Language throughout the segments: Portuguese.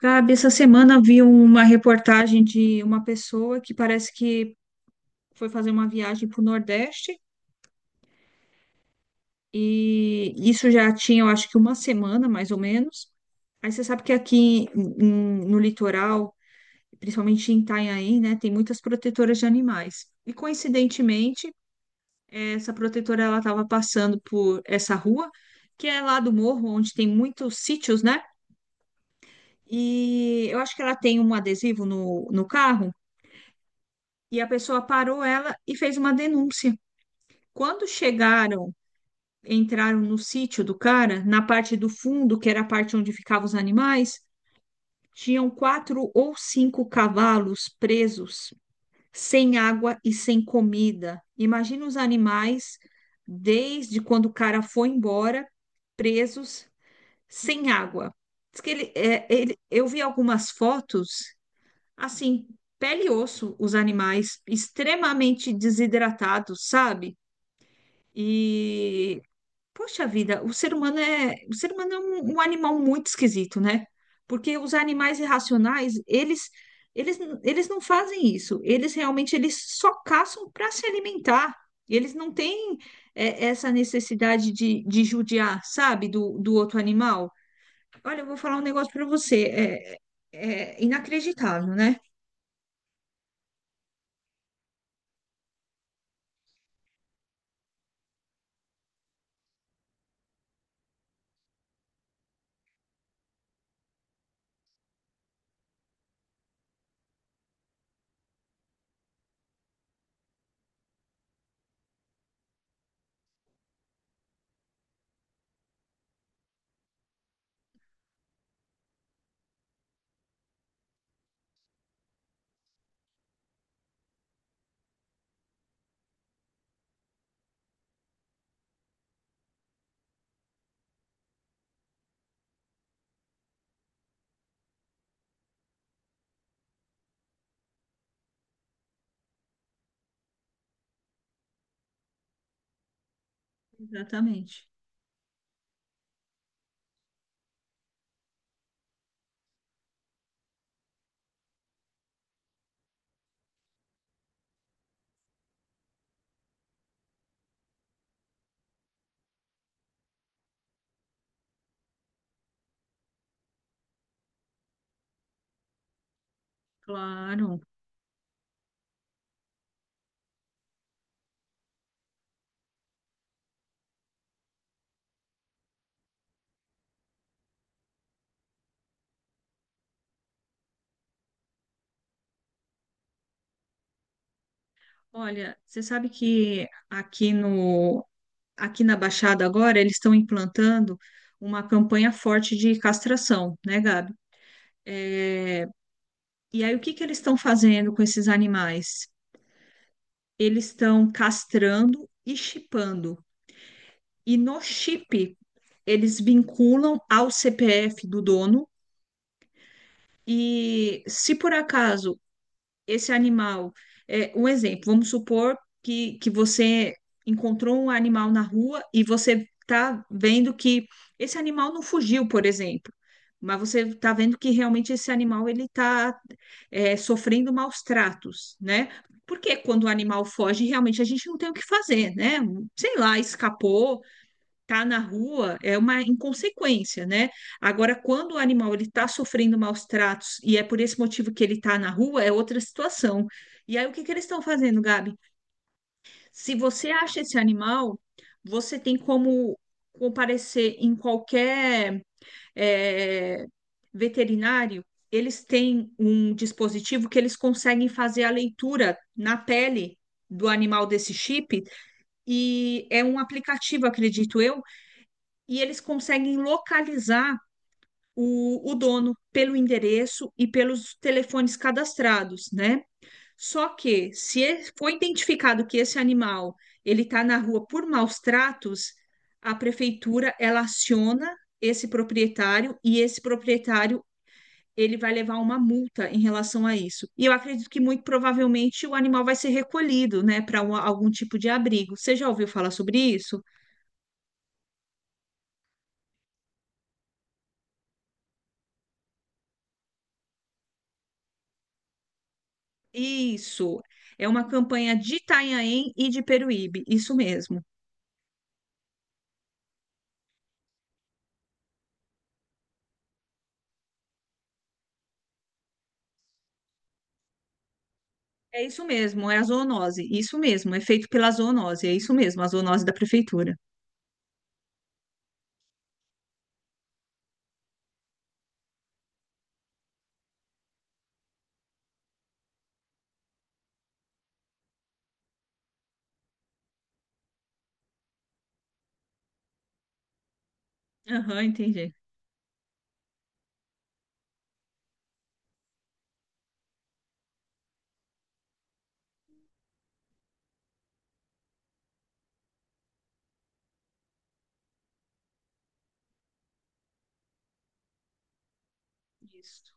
Gabi, essa semana vi uma reportagem de uma pessoa que parece que foi fazer uma viagem para o Nordeste e isso já tinha, eu acho que uma semana, mais ou menos. Aí você sabe que aqui em- no litoral, principalmente em Itanhaém, né, tem muitas protetoras de animais. E coincidentemente, essa protetora ela estava passando por essa rua, que é lá do morro, onde tem muitos sítios, né? E eu acho que ela tem um adesivo no carro. E a pessoa parou ela e fez uma denúncia. Quando chegaram, entraram no sítio do cara, na parte do fundo, que era a parte onde ficavam os animais, tinham quatro ou cinco cavalos presos, sem água e sem comida. Imagina os animais, desde quando o cara foi embora, presos, sem água. Diz que eu vi algumas fotos. Assim, pele e osso, os animais extremamente desidratados, sabe? E, poxa vida, o ser humano é um animal muito esquisito, né? Porque os animais irracionais, eles não fazem isso. Eles realmente eles só caçam para se alimentar. Eles não têm, essa necessidade de judiar, sabe, do outro animal. Olha, eu vou falar um negócio para você. É inacreditável, né? Exatamente. Claro. Olha, você sabe que aqui no aqui na Baixada agora eles estão implantando uma campanha forte de castração, né, Gabi? É, e aí o que que eles estão fazendo com esses animais? Eles estão castrando e chipando. E no chip eles vinculam ao CPF do dono. E se por acaso esse animal, é, um exemplo, vamos supor que você encontrou um animal na rua e você está vendo que esse animal não fugiu, por exemplo, mas você está vendo que realmente esse animal ele está sofrendo maus tratos, né? Porque quando o animal foge, realmente a gente não tem o que fazer, né? Sei lá, escapou, tá na rua, é uma inconsequência, né? Agora, quando o animal ele tá sofrendo maus tratos e é por esse motivo que ele tá na rua, é outra situação. E aí, o que que eles estão fazendo, Gabi? Se você acha esse animal, você tem como comparecer em qualquer, é, veterinário. Eles têm um dispositivo que eles conseguem fazer a leitura na pele do animal desse chip, e é um aplicativo, acredito eu, e eles conseguem localizar o dono pelo endereço e pelos telefones cadastrados, né? Só que se foi identificado que esse animal ele está na rua por maus tratos, a prefeitura ela aciona esse proprietário e esse proprietário ele vai levar uma multa em relação a isso. E eu acredito que muito provavelmente o animal vai ser recolhido, né, para algum tipo de abrigo. Você já ouviu falar sobre isso? Isso. É uma campanha de Itanhaém e de Peruíbe. Isso mesmo. É isso mesmo, é a zoonose. Isso mesmo, é feito pela zoonose. É isso mesmo, a zoonose da prefeitura. Aham, entendi. Isso,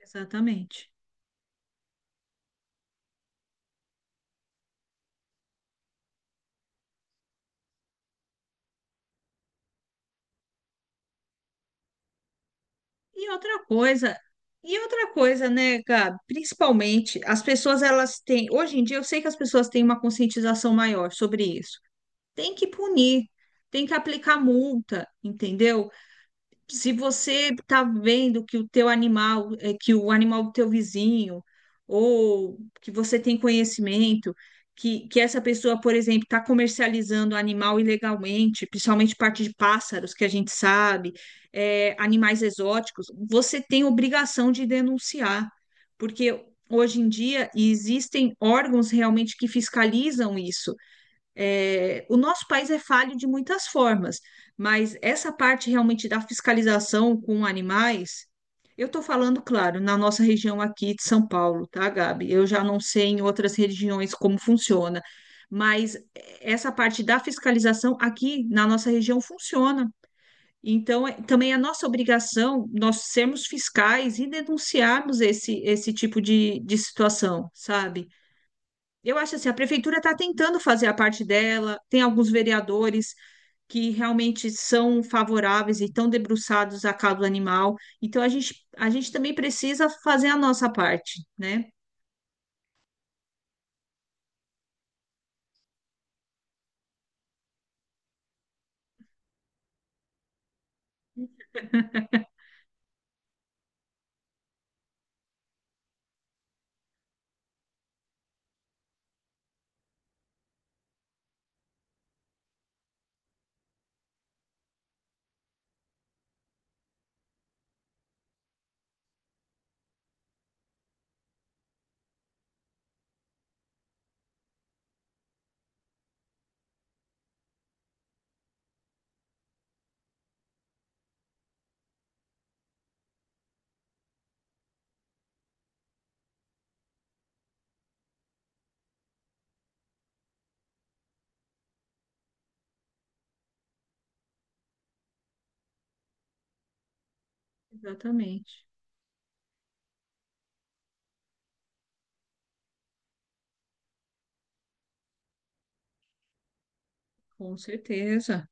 exatamente. E outra coisa, né, Gabi? Principalmente, as pessoas, elas têm. Hoje em dia, eu sei que as pessoas têm uma conscientização maior sobre isso. Tem que punir, tem que aplicar multa, entendeu? Se você está vendo que o teu animal, que o animal do teu vizinho, ou que você tem conhecimento, que essa pessoa, por exemplo, está comercializando animal ilegalmente, principalmente parte de pássaros, que a gente sabe, animais exóticos, você tem obrigação de denunciar, porque hoje em dia existem órgãos realmente que fiscalizam isso. É, o nosso país é falho de muitas formas, mas essa parte realmente da fiscalização com animais, eu estou falando, claro, na nossa região aqui de São Paulo, tá, Gabi? Eu já não sei em outras regiões como funciona, mas essa parte da fiscalização aqui na nossa região funciona. Então, é- também é nossa obrigação nós sermos fiscais e denunciarmos esse tipo de situação, sabe? Eu acho assim, a prefeitura está tentando fazer a parte dela, tem alguns vereadores que realmente são favoráveis e estão debruçados à causa animal. Então a gente também precisa fazer a nossa parte, né? Exatamente, com certeza.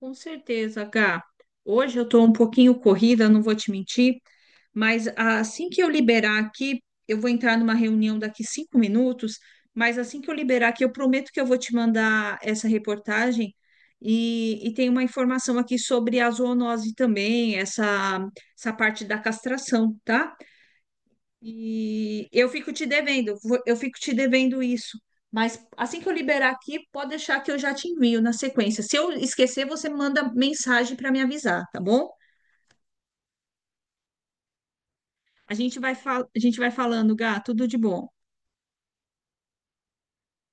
Com certeza, Gá. Hoje eu estou um pouquinho corrida, não vou te mentir, mas assim que eu liberar aqui, eu vou entrar numa reunião daqui 5 minutos, mas assim que eu liberar aqui, eu prometo que eu vou te mandar essa reportagem e tem uma informação aqui sobre a zoonose também, essa parte da castração, tá? E eu fico te devendo, eu fico te devendo isso. Mas assim que eu liberar aqui, pode deixar que eu já te envio na sequência. Se eu esquecer, você manda mensagem para me avisar, tá bom? A gente vai a gente vai falando, Gá, tudo de bom.